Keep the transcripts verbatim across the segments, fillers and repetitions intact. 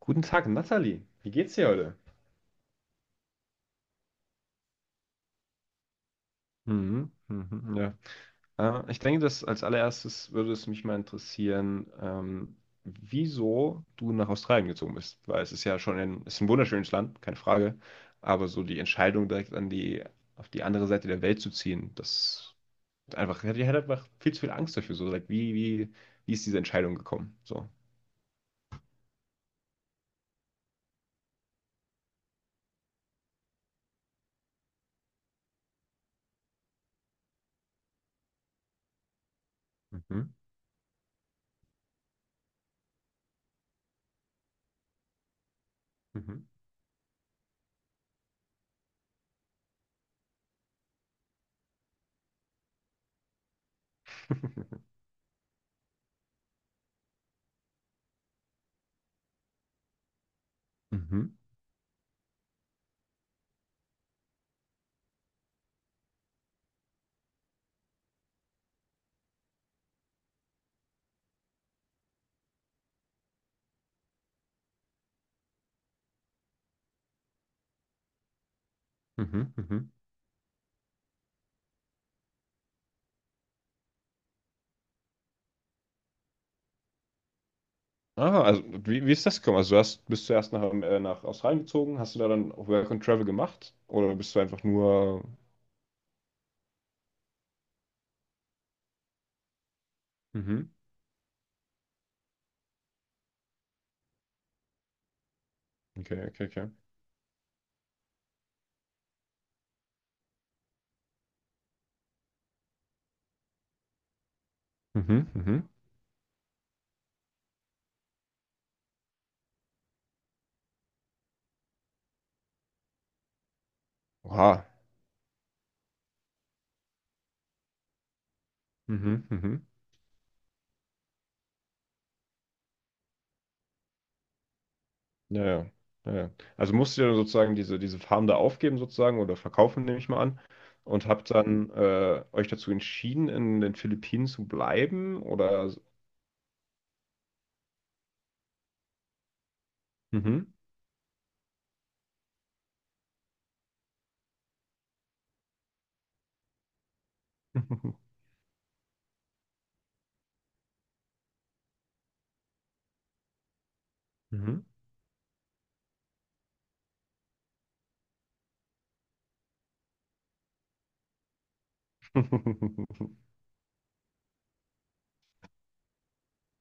Guten Tag, Nathalie. Wie geht's dir heute? Mhm, mhm, ja. Äh, ich denke, dass als allererstes würde es mich mal interessieren, ähm, wieso du nach Australien gezogen bist. Weil es ist ja schon ein, es ist ein wunderschönes Land, keine Frage. Aber so die Entscheidung, direkt an die, auf die andere Seite der Welt zu ziehen, das hat einfach, ich hatte einfach viel zu viel Angst dafür. So, like, wie, wie, wie ist diese Entscheidung gekommen? So. Mhm, mhm, mhm, mhm, mhm. Ah, also wie, wie ist das gekommen? Also du hast, bist du erst nach, äh, nach Australien gezogen, hast du da dann auch Work and Travel gemacht? Oder bist du einfach nur... Mhm. Okay, okay, okay. Mhm, mhm. Oha. Mhm, mhm. Ja, ja. Ja, ja. Also musst du dann sozusagen diese, diese Farm da aufgeben sozusagen oder verkaufen, nehme ich mal an. Und habt dann äh, euch dazu entschieden, in den Philippinen zu bleiben? Oder... Mhm. Mhm.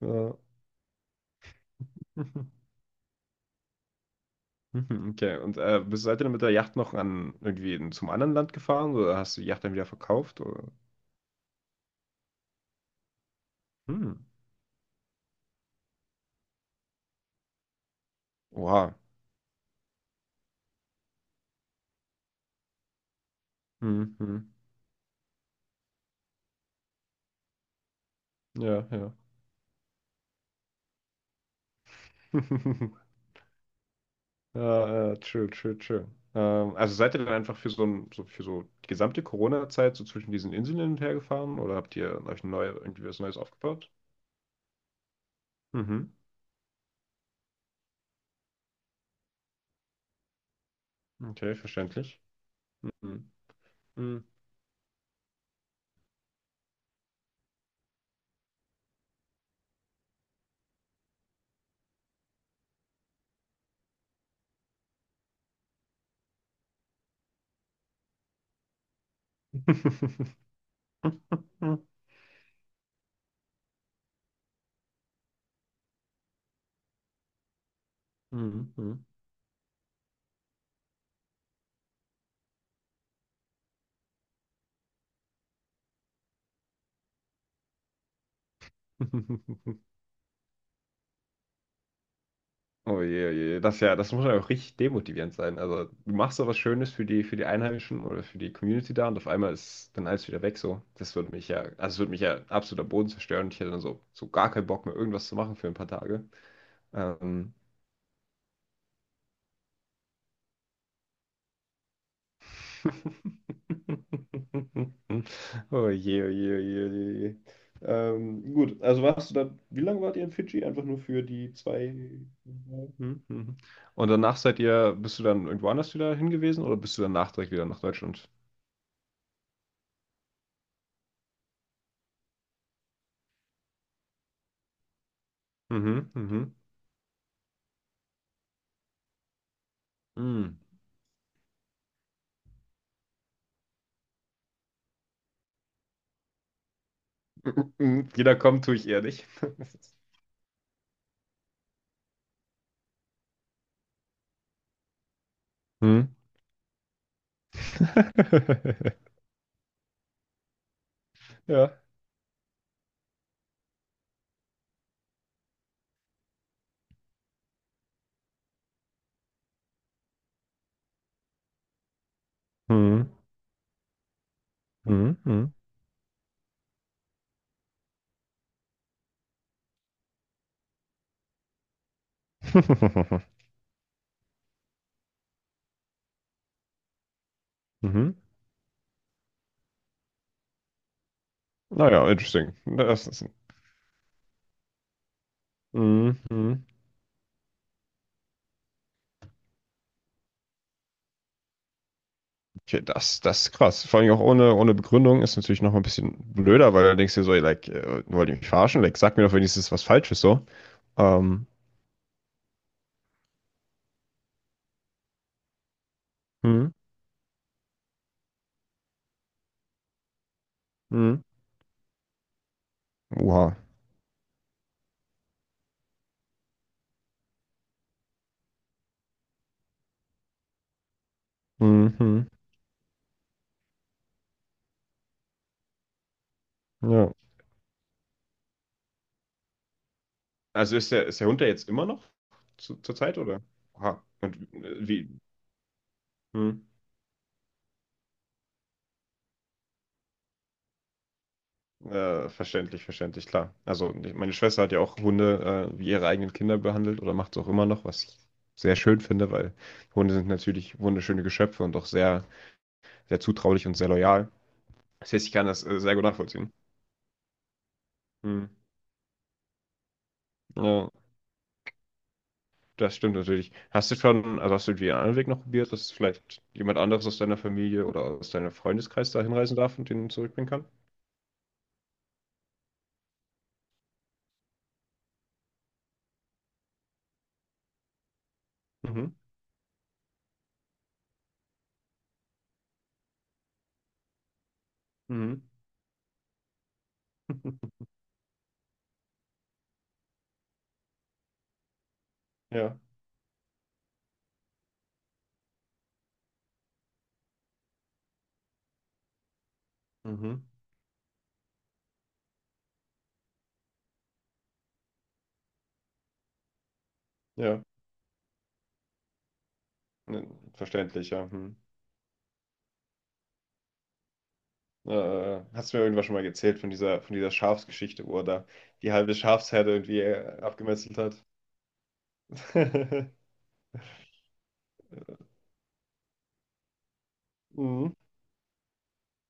Ja. Mhm, okay. Und äh, bist, seid ihr dann mit der Yacht noch an irgendwie in, zum anderen Land gefahren oder hast du die Yacht dann wieder verkauft? Oder? Hm. Oha. Mhm, mhm. Ja, ja. Ja, ja, true, true, true. Ähm, also seid ihr dann einfach für so ein, so für so die gesamte Corona-Zeit so zwischen diesen Inseln hin und her gefahren oder habt ihr euch neu, irgendwie was Neues aufgebaut? Mhm. Okay, verständlich. Mhm. Mhm. Mhm. Mhm. Oh je, oh je, das ist ja, das muss ja auch richtig demotivierend sein. Also du machst so was Schönes für die, für die Einheimischen oder für die Community da und auf einmal ist dann alles wieder weg so. Das würde mich ja, also es würde mich ja absolut am Boden zerstören. Ich hätte dann so, so gar keinen Bock mehr, irgendwas zu machen für ein paar Tage. Ähm, Oh je, oh je, oh je, oh je. Oh je. Ähm, gut, also warst du dann, wie lange wart ihr in Fidschi? Einfach nur für die zwei. Mhm, mhm. Und danach seid ihr, bist du dann irgendwo anders wieder hingewiesen oder bist du danach direkt wieder nach Deutschland? Mhm, mhm. Mhm. Mhm. Jeder kommt, tue ich eher nicht. Mhm. Ja. Mhm. Mhm. Mhm. Mhm. Naja, interesting. Das ist. Mhm. Mhm. Okay, das, das ist krass. Vor allem auch ohne, ohne Begründung ist natürlich noch mal ein bisschen blöder, weil du denkst dir so, ey, like, äh, wollt ihr mich verarschen? Like, sag mir doch wenigstens was Falsches so. Ähm, hm, hm, uha. Hm, hm, ja. Also ist der, ist der Hund da jetzt immer noch zu, zur Zeit, oder? Oha. Und äh, wie? Hm, äh, verständlich, verständlich, klar. Also meine Schwester hat ja auch Hunde äh, wie ihre eigenen Kinder behandelt oder macht es auch immer noch, was ich sehr schön finde, weil Hunde sind natürlich wunderschöne Geschöpfe und auch sehr, sehr zutraulich und sehr loyal. Das heißt, ich kann das äh, sehr gut nachvollziehen. Hm. Ja, das stimmt natürlich. Hast du schon, also hast du den anderen Weg noch probiert, dass vielleicht jemand anderes aus deiner Familie oder aus deinem Freundeskreis da hinreisen darf und den zurückbringen kann? Mhm. Mhm. Ja. Mhm. Ja. Ne, verständlich, ja. Hm. Äh, hast du mir irgendwas schon mal erzählt von dieser, von dieser Schafsgeschichte, wo er da die halbe Schafsherde irgendwie äh, abgemesselt hat? Mhm.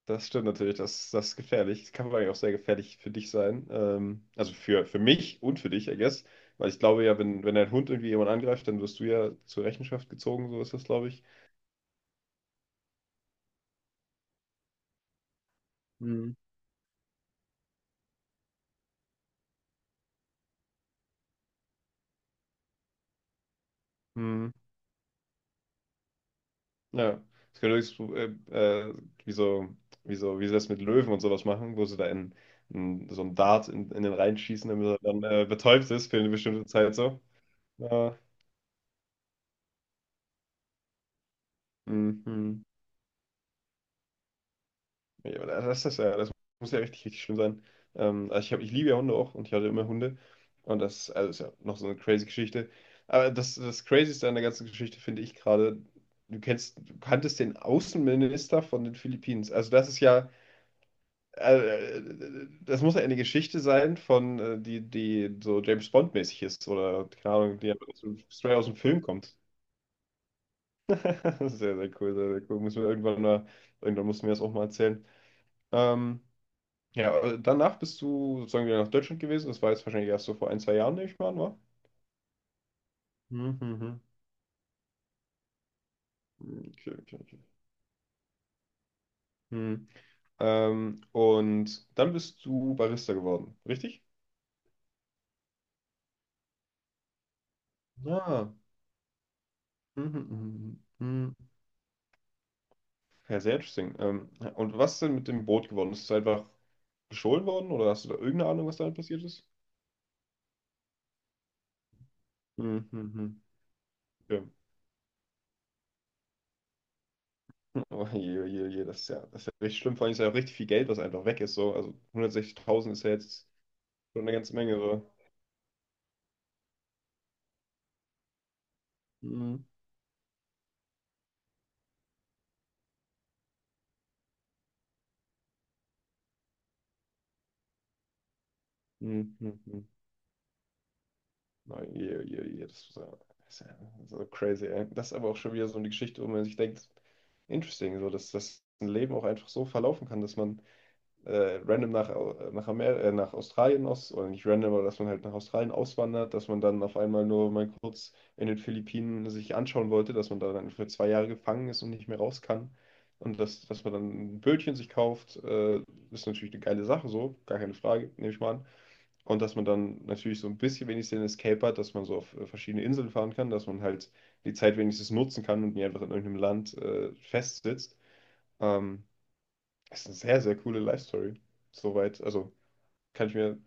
Das stimmt natürlich, das, das ist gefährlich. Das kann vor allem auch sehr gefährlich für dich sein. Ähm, also für, für mich und für dich, I guess. Weil ich glaube ja, wenn, wenn dein Hund irgendwie jemand angreift, dann wirst du ja zur Rechenschaft gezogen, so ist das, glaube ich. Mhm. Hm. Ja. Das könnte höchstens, äh, äh, wie so, wie so, wie sie das mit Löwen und sowas machen, wo sie da in, in so einen Dart in, in den reinschießen, damit er dann äh, betäubt ist für eine bestimmte Zeit so. Ja. Mhm. Nee, aber das ist ja, das muss ja richtig, richtig schlimm sein. Ähm, also ich hab, ich liebe ja Hunde auch und ich hatte immer Hunde. Und das, also ist ja noch so eine crazy Geschichte. Aber das, das Crazyste an der ganzen Geschichte finde ich gerade, du kennst, du kanntest den Außenminister von den Philippinen. Also das ist ja, äh, äh, das muss ja eine Geschichte sein von, äh, die, die so James Bond-mäßig ist oder, keine Ahnung, die einfach so straight aus dem Film kommt. Sehr, sehr cool, sehr, sehr cool. Müssen wir irgendwann mal, irgendwann mussten wir das auch mal erzählen. Ähm, Ja, äh, danach bist du sozusagen wieder nach Deutschland gewesen. Das war jetzt wahrscheinlich erst so vor ein, zwei Jahren, nehme ich mal an, war? Mhm, mhm. Okay, okay, okay. Hm. Ähm, und dann bist du Barista geworden, richtig? Ja. Mhm, mhm, mhm. Mhm. Ja, sehr interesting. Ähm, und was ist denn mit dem Boot geworden? Ist es einfach gestohlen worden oder hast du da irgendeine Ahnung, was da passiert ist? Mhm, mhm. Ja. Oh je, oh je, oh je, das ist ja, das ist ja richtig schlimm. Vor allem ist ja auch richtig viel Geld, was einfach weg ist. So. Also hundertsechzigtausend ist ja jetzt schon eine ganze Menge. So. Hm, hm, hm. Nein, je, je, je, das ist ja, das ist ja so crazy, ey. Das ist aber auch schon wieder so eine Geschichte, wo man sich denkt, interesting, so, dass das ein Leben auch einfach so verlaufen kann, dass man äh, random nach, Au- nach, Amer äh, nach Australien aus, oder nicht random, aber dass man halt nach Australien auswandert, dass man dann auf einmal nur mal kurz in den Philippinen sich anschauen wollte, dass man da dann für zwei Jahre gefangen ist und nicht mehr raus kann. Und dass, dass man dann ein Bötchen sich kauft, äh, ist natürlich eine geile Sache, so, gar keine Frage, nehme ich mal an. Und dass man dann natürlich so ein bisschen wenigstens den Escape hat, dass man so auf äh, verschiedene Inseln fahren kann, dass man halt die Zeit wenigstens nutzen kann und nicht einfach in irgendeinem Land äh, festsitzt. Ähm, Ist eine sehr, sehr coole Life Story. Soweit, also kann ich mir,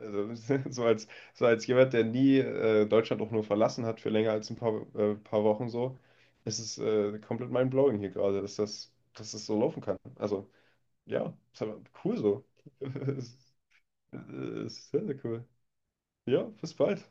also, so als, so als jemand, der nie äh, Deutschland auch nur verlassen hat für länger als ein paar, äh, paar Wochen so, ist es äh, komplett mind-blowing hier gerade, dass das, dass das so laufen kann. Also, ja, ist aber cool so. Es ist, äh, Es ist sehr, sehr cool. Ja, bis bald.